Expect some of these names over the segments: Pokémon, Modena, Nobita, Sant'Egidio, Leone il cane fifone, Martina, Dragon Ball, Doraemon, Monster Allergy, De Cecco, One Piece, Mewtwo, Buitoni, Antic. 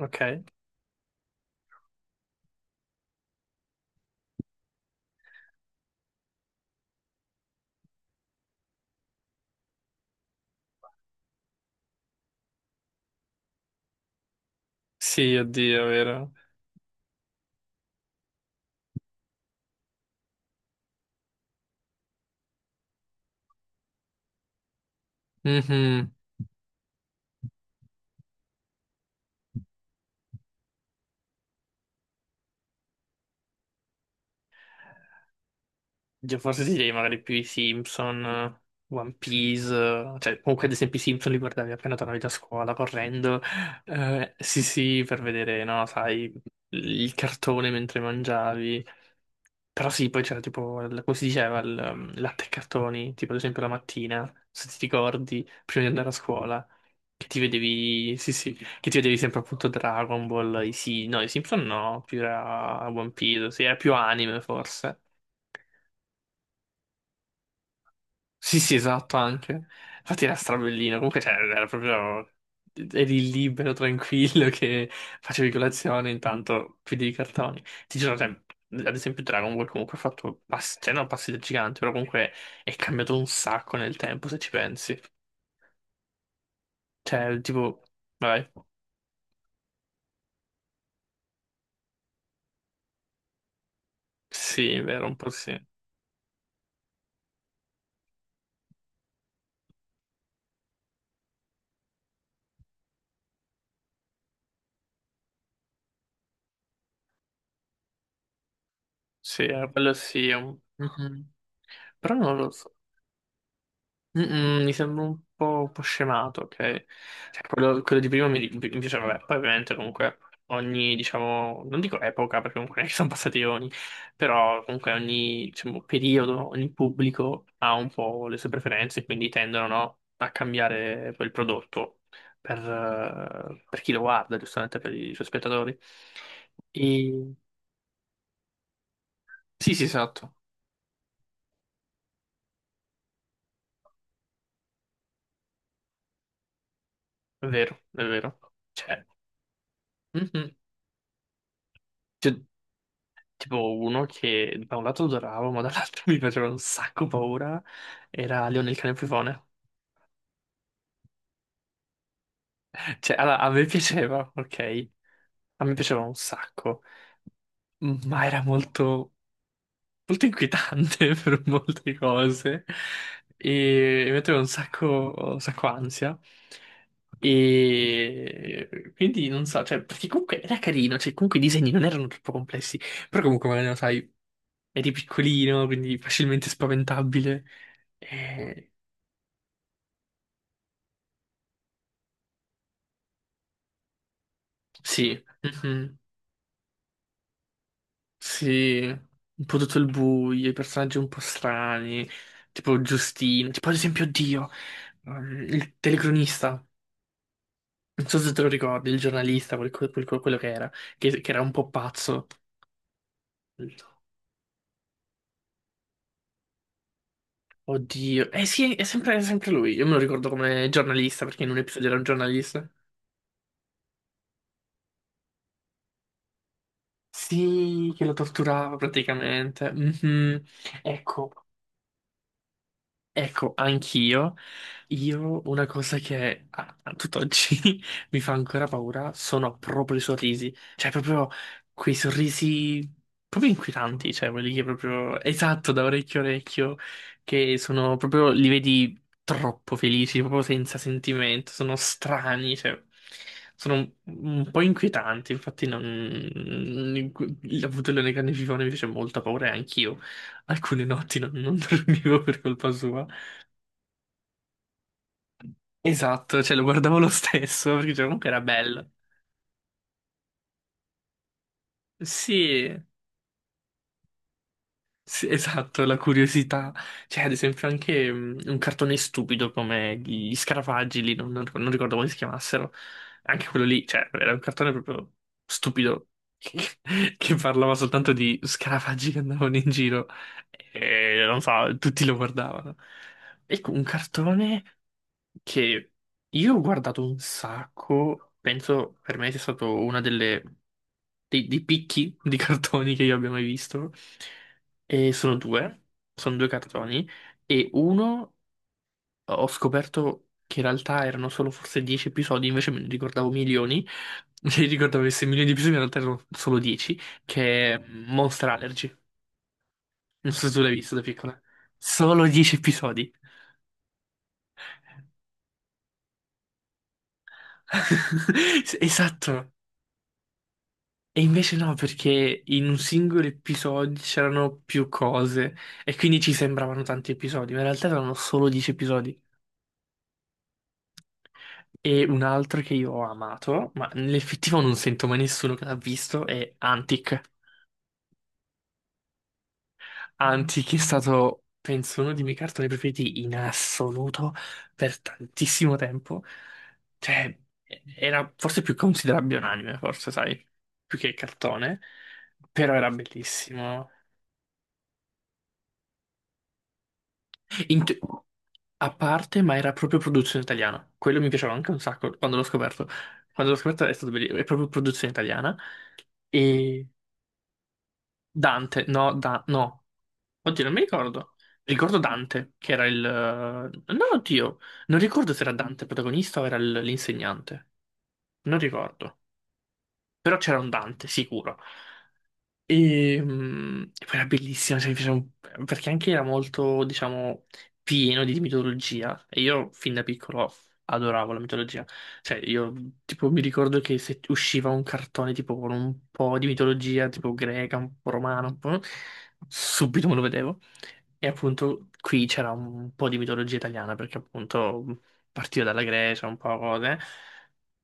Ok. Sì, oddio, è vero. Mhm. Io forse ti direi magari più i Simpson, One Piece, cioè comunque ad esempio i Simpson li guardavi appena tornavi da scuola correndo. Sì, sì, per vedere, no, sai, il cartone mentre mangiavi. Però sì, poi c'era tipo, come si diceva, il latte e cartoni, tipo ad esempio la mattina, se ti ricordi, prima di andare a scuola. Che ti vedevi, sì, sì, che ti vedevi sempre appunto Dragon Ball, i sì, no, i Simpson no, più era One Piece, sì, era più anime forse. Sì, sì, esatto, anche. Infatti era strabellino, comunque cioè, era proprio, eri libero, tranquillo, che facevi colazione, intanto chiudevi i cartoni. Ti giuro, cioè, ad esempio Dragon Ball comunque ha fatto passi, cioè non passi da gigante, però comunque è cambiato un sacco nel tempo, se ci pensi. Cioè, tipo, vai, sì, è vero, un po' sì. Sì, quello sì, è un- Mhm. Però non lo so. Mm-mm, mi sembra un po' scemato, ok? Cioè, quello di prima mi piaceva, vabbè, poi ovviamente comunque ogni, diciamo, non dico epoca, perché comunque non è che sono passati eoni, però comunque ogni, diciamo, periodo, ogni pubblico ha un po' le sue preferenze, quindi tendono, no, a cambiare quel prodotto per chi lo guarda, giustamente per i suoi spettatori. E... Sì, sì, esatto, è vero, è vero. Cioè, Mhm. Cioè, tipo uno che da un lato adoravo, ma dall'altro mi faceva un sacco paura, era Leone il cane fifone. Cioè, allora, a me piaceva, ok? A me piaceva un sacco, ma era molto molto inquietante per molte cose e mi metteva un sacco ansia. E quindi non so, cioè, perché comunque era carino, cioè, comunque i disegni non erano troppo complessi, però comunque magari lo sai, eri piccolino, quindi facilmente spaventabile. E... Sì, mhm, sì, un po' tutto il buio, i personaggi un po' strani, tipo Giustino, tipo ad esempio Dio, il telecronista. Non so se te lo ricordi, il giornalista, quello che era, che era un po' pazzo. Oddio. Eh sì, è sempre lui. Io me lo ricordo come giornalista, perché in un episodio era un giornalista. Sì, che lo torturava praticamente. Mhm. Ecco, ecco, anch'io, io una cosa che a tutt'oggi mi fa ancora paura sono proprio i sorrisi, cioè proprio quei sorrisi proprio inquietanti, cioè quelli che proprio, esatto, da orecchio a orecchio, che sono proprio, li vedi troppo felici, proprio senza sentimento, sono strani, cioè sono un po' inquietanti, infatti non, avuto il leone carnivoro mi fece molta paura e anch'io alcune notti non dormivo per colpa sua. Esatto, cioè lo guardavo lo stesso perché cioè, comunque era bello. Sì, sì, esatto, la curiosità. Cioè, ad esempio, anche un cartone stupido come gli Scarafaggi lì, non, non ricordo come si chiamassero. Anche quello lì, cioè, era un cartone proprio stupido che parlava soltanto di scarafaggi che andavano in giro e non so, tutti lo guardavano. Ecco, un cartone che io ho guardato un sacco, penso per me sia stato una delle dei picchi di cartoni che io abbia mai visto. E sono due cartoni. E uno ho scoperto che in realtà erano solo forse 10 episodi, invece me ne ricordavo milioni. Mi ricordavo che se milioni di episodi, in realtà erano solo 10, che è Monster Allergy. Non so se tu l'hai visto da piccola. Solo 10 episodi. Esatto. E invece no, perché in un singolo episodio c'erano più cose e quindi ci sembravano tanti episodi, ma in realtà erano solo 10 episodi. E un altro che io ho amato, ma nell'effettivo non sento mai nessuno che l'ha visto, è Antic. Antic è stato, penso, uno dei miei cartoni preferiti in assoluto per tantissimo tempo. Cioè, era forse più considerabile un anime, forse, sai, più che cartone, però era bellissimo. In te- A parte, ma era proprio produzione italiana. Quello mi piaceva anche un sacco quando l'ho scoperto. Quando l'ho scoperto è stato bellissimo. È proprio produzione italiana. E Dante, no, da... no. Oddio, non mi ricordo. Ricordo Dante, che era il... No, oddio. Non ricordo se era Dante il protagonista o era l'insegnante. Non ricordo. Però c'era un Dante, sicuro. E poi era bellissima, cioè, mi piaceva un- perché anche era molto, diciamo, pieno di mitologia. E io fin da piccolo adoravo la mitologia. Cioè, io tipo mi ricordo che se usciva un cartone tipo con un po' di mitologia, tipo greca, un po' romana, un po', subito me lo vedevo. E appunto qui c'era un po' di mitologia italiana, perché appunto partiva dalla Grecia, un po' cose.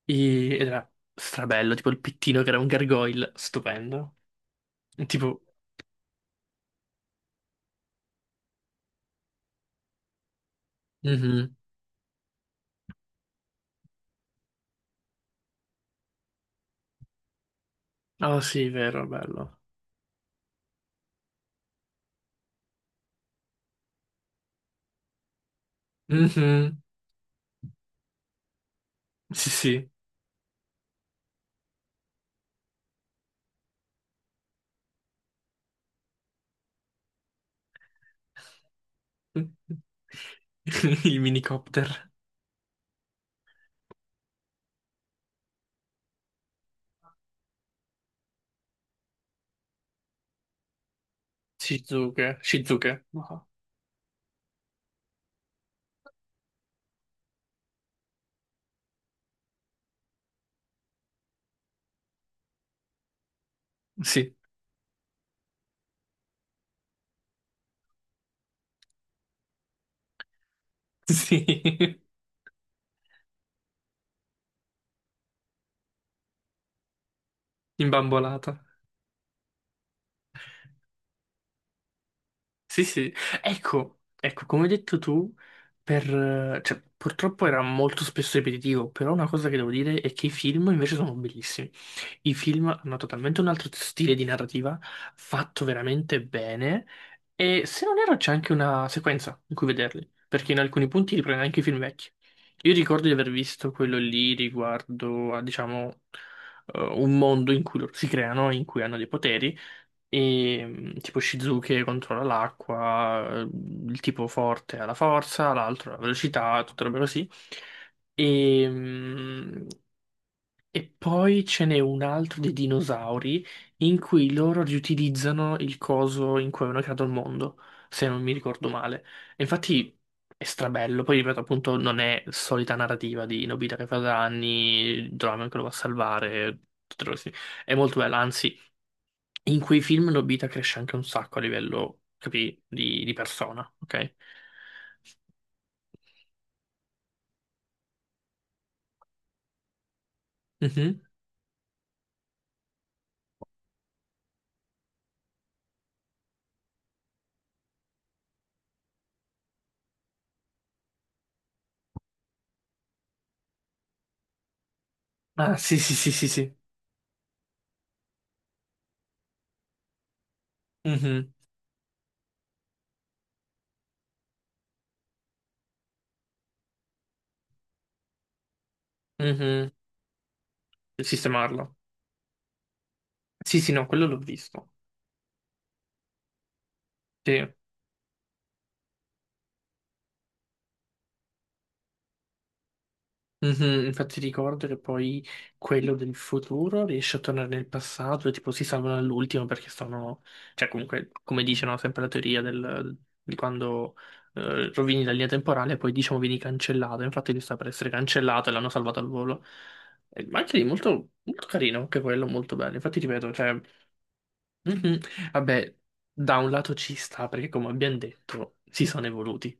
Ed era strabello, tipo il pittino che era un gargoyle, stupendo. Tipo, mhm. Oh sì, vero, bello. Mhm. Sì, sì. Il minicopter. Shizuke. Shizuke. No. Sì, sì. Imbambolata. Sì, sì, ecco, ecco, come hai detto tu, per, cioè, purtroppo era molto spesso ripetitivo, però una cosa che devo dire è che i film invece sono bellissimi. I film hanno totalmente un altro stile di narrativa, fatto veramente bene, e se non erro c'è anche una sequenza in cui vederli, perché in alcuni punti riprende anche i film vecchi. Io ricordo di aver visto quello lì riguardo a, diciamo, un mondo in cui loro si creano, in cui hanno dei poteri. E tipo Shizuke controlla l'acqua, il tipo forte ha la forza, l'altro ha la velocità, tutte robe così. E, mm, e poi ce n'è un altro dei dinosauri in cui loro riutilizzano il coso in cui avevano creato il mondo, se non mi ricordo male. E infatti è strabello, poi ripeto appunto non è solita narrativa di Nobita che fa danni, Doraemon che lo va a salvare, tutte le cose. È molto bella, anzi in quei film Nobita cresce anche un sacco a livello, capì, di persona, ok? Mhm. Ah sì sì sì sì sì. Mhm. Mhm. Sistemarlo. Sì, sì, no, quello l'ho visto. Sì. Mhm, infatti ricordo che poi quello del futuro riesce a tornare nel passato e tipo si salvano all'ultimo perché sono... Cioè comunque, come dice, no, sempre la teoria del... di quando rovini la linea temporale e poi diciamo vieni cancellato. Infatti lui sta per essere cancellato e l'hanno salvato al volo. Ma anche lì molto, molto carino, anche quello molto bello. Infatti ripeto, cioè... mhm, vabbè, da un lato ci sta perché come abbiamo detto si sono evoluti.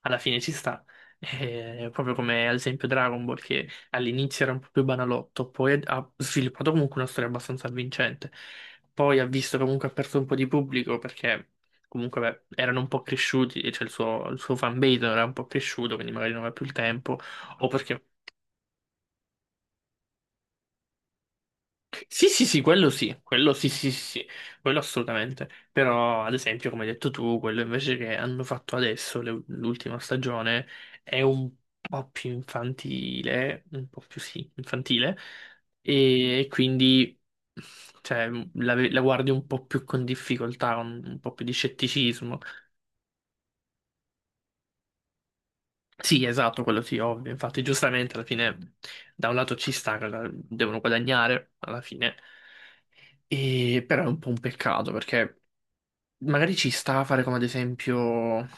Alla fine ci sta. Proprio come ad esempio Dragon Ball, che all'inizio era un po' più banalotto, poi ha sviluppato comunque una storia abbastanza avvincente. Poi ha visto che comunque ha perso un po' di pubblico perché comunque beh, erano un po' cresciuti, cioè il suo fanbase era un po' cresciuto, quindi magari non aveva più il tempo, o perché sì, sì, sì, quello sì, quello sì, sì, sì, sì, quello assolutamente. Però, ad esempio, come hai detto tu, quello invece che hanno fatto adesso, l'ultima stagione, è un po' più infantile, un po' più sì, infantile, e quindi, cioè, la guardi un po' più con difficoltà, un po' più di scetticismo. Sì, esatto, quello sì, ovvio. Infatti, giustamente, alla fine, da un lato ci sta, che devono guadagnare, alla fine. Però è un po' un peccato perché magari ci sta a fare come ad esempio,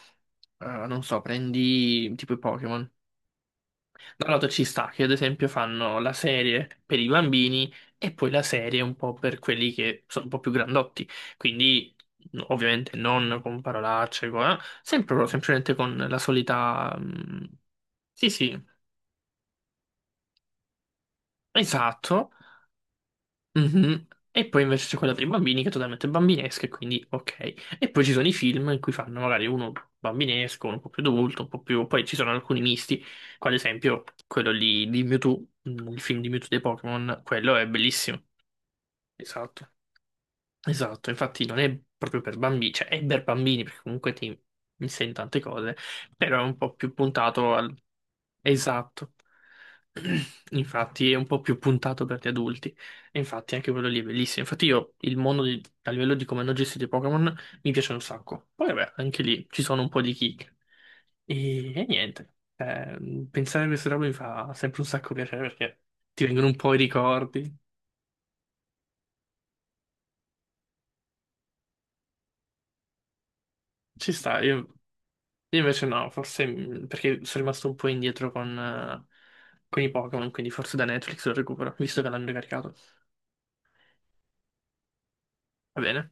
non so, prendi tipo i Pokémon. Da un lato ci sta che ad esempio fanno la serie per i bambini e poi la serie un po' per quelli che sono un po' più grandotti. Quindi no, ovviamente non con parolacce, sempre però semplicemente con la solita... Sì, sì, esatto. Mhm. E poi invece c'è quella per i bambini che è totalmente bambinesca, e quindi ok. E poi ci sono i film in cui fanno magari uno bambinesco, uno un po' più adulto, un po' più... Poi ci sono alcuni misti, come ad esempio quello lì di Mewtwo, il film di Mewtwo dei Pokémon, quello è bellissimo. Esatto. Esatto, infatti non è proprio per bambini, cioè è per bambini perché comunque ti insegna tante cose, però è un po' più puntato al... Esatto, infatti è un po' più puntato per gli adulti, e infatti anche quello lì è bellissimo, infatti io il mondo a livello di come hanno gestito i Pokémon mi piace un sacco, poi vabbè anche lì ci sono un po' di kick e niente, eh, pensare a queste robe mi fa sempre un sacco piacere perché ti vengono un po' i ricordi, ci sta, io invece no, forse perché sono rimasto un po' indietro con i Pokémon, quindi forse da Netflix lo recupero, visto che l'hanno ricaricato. Va bene.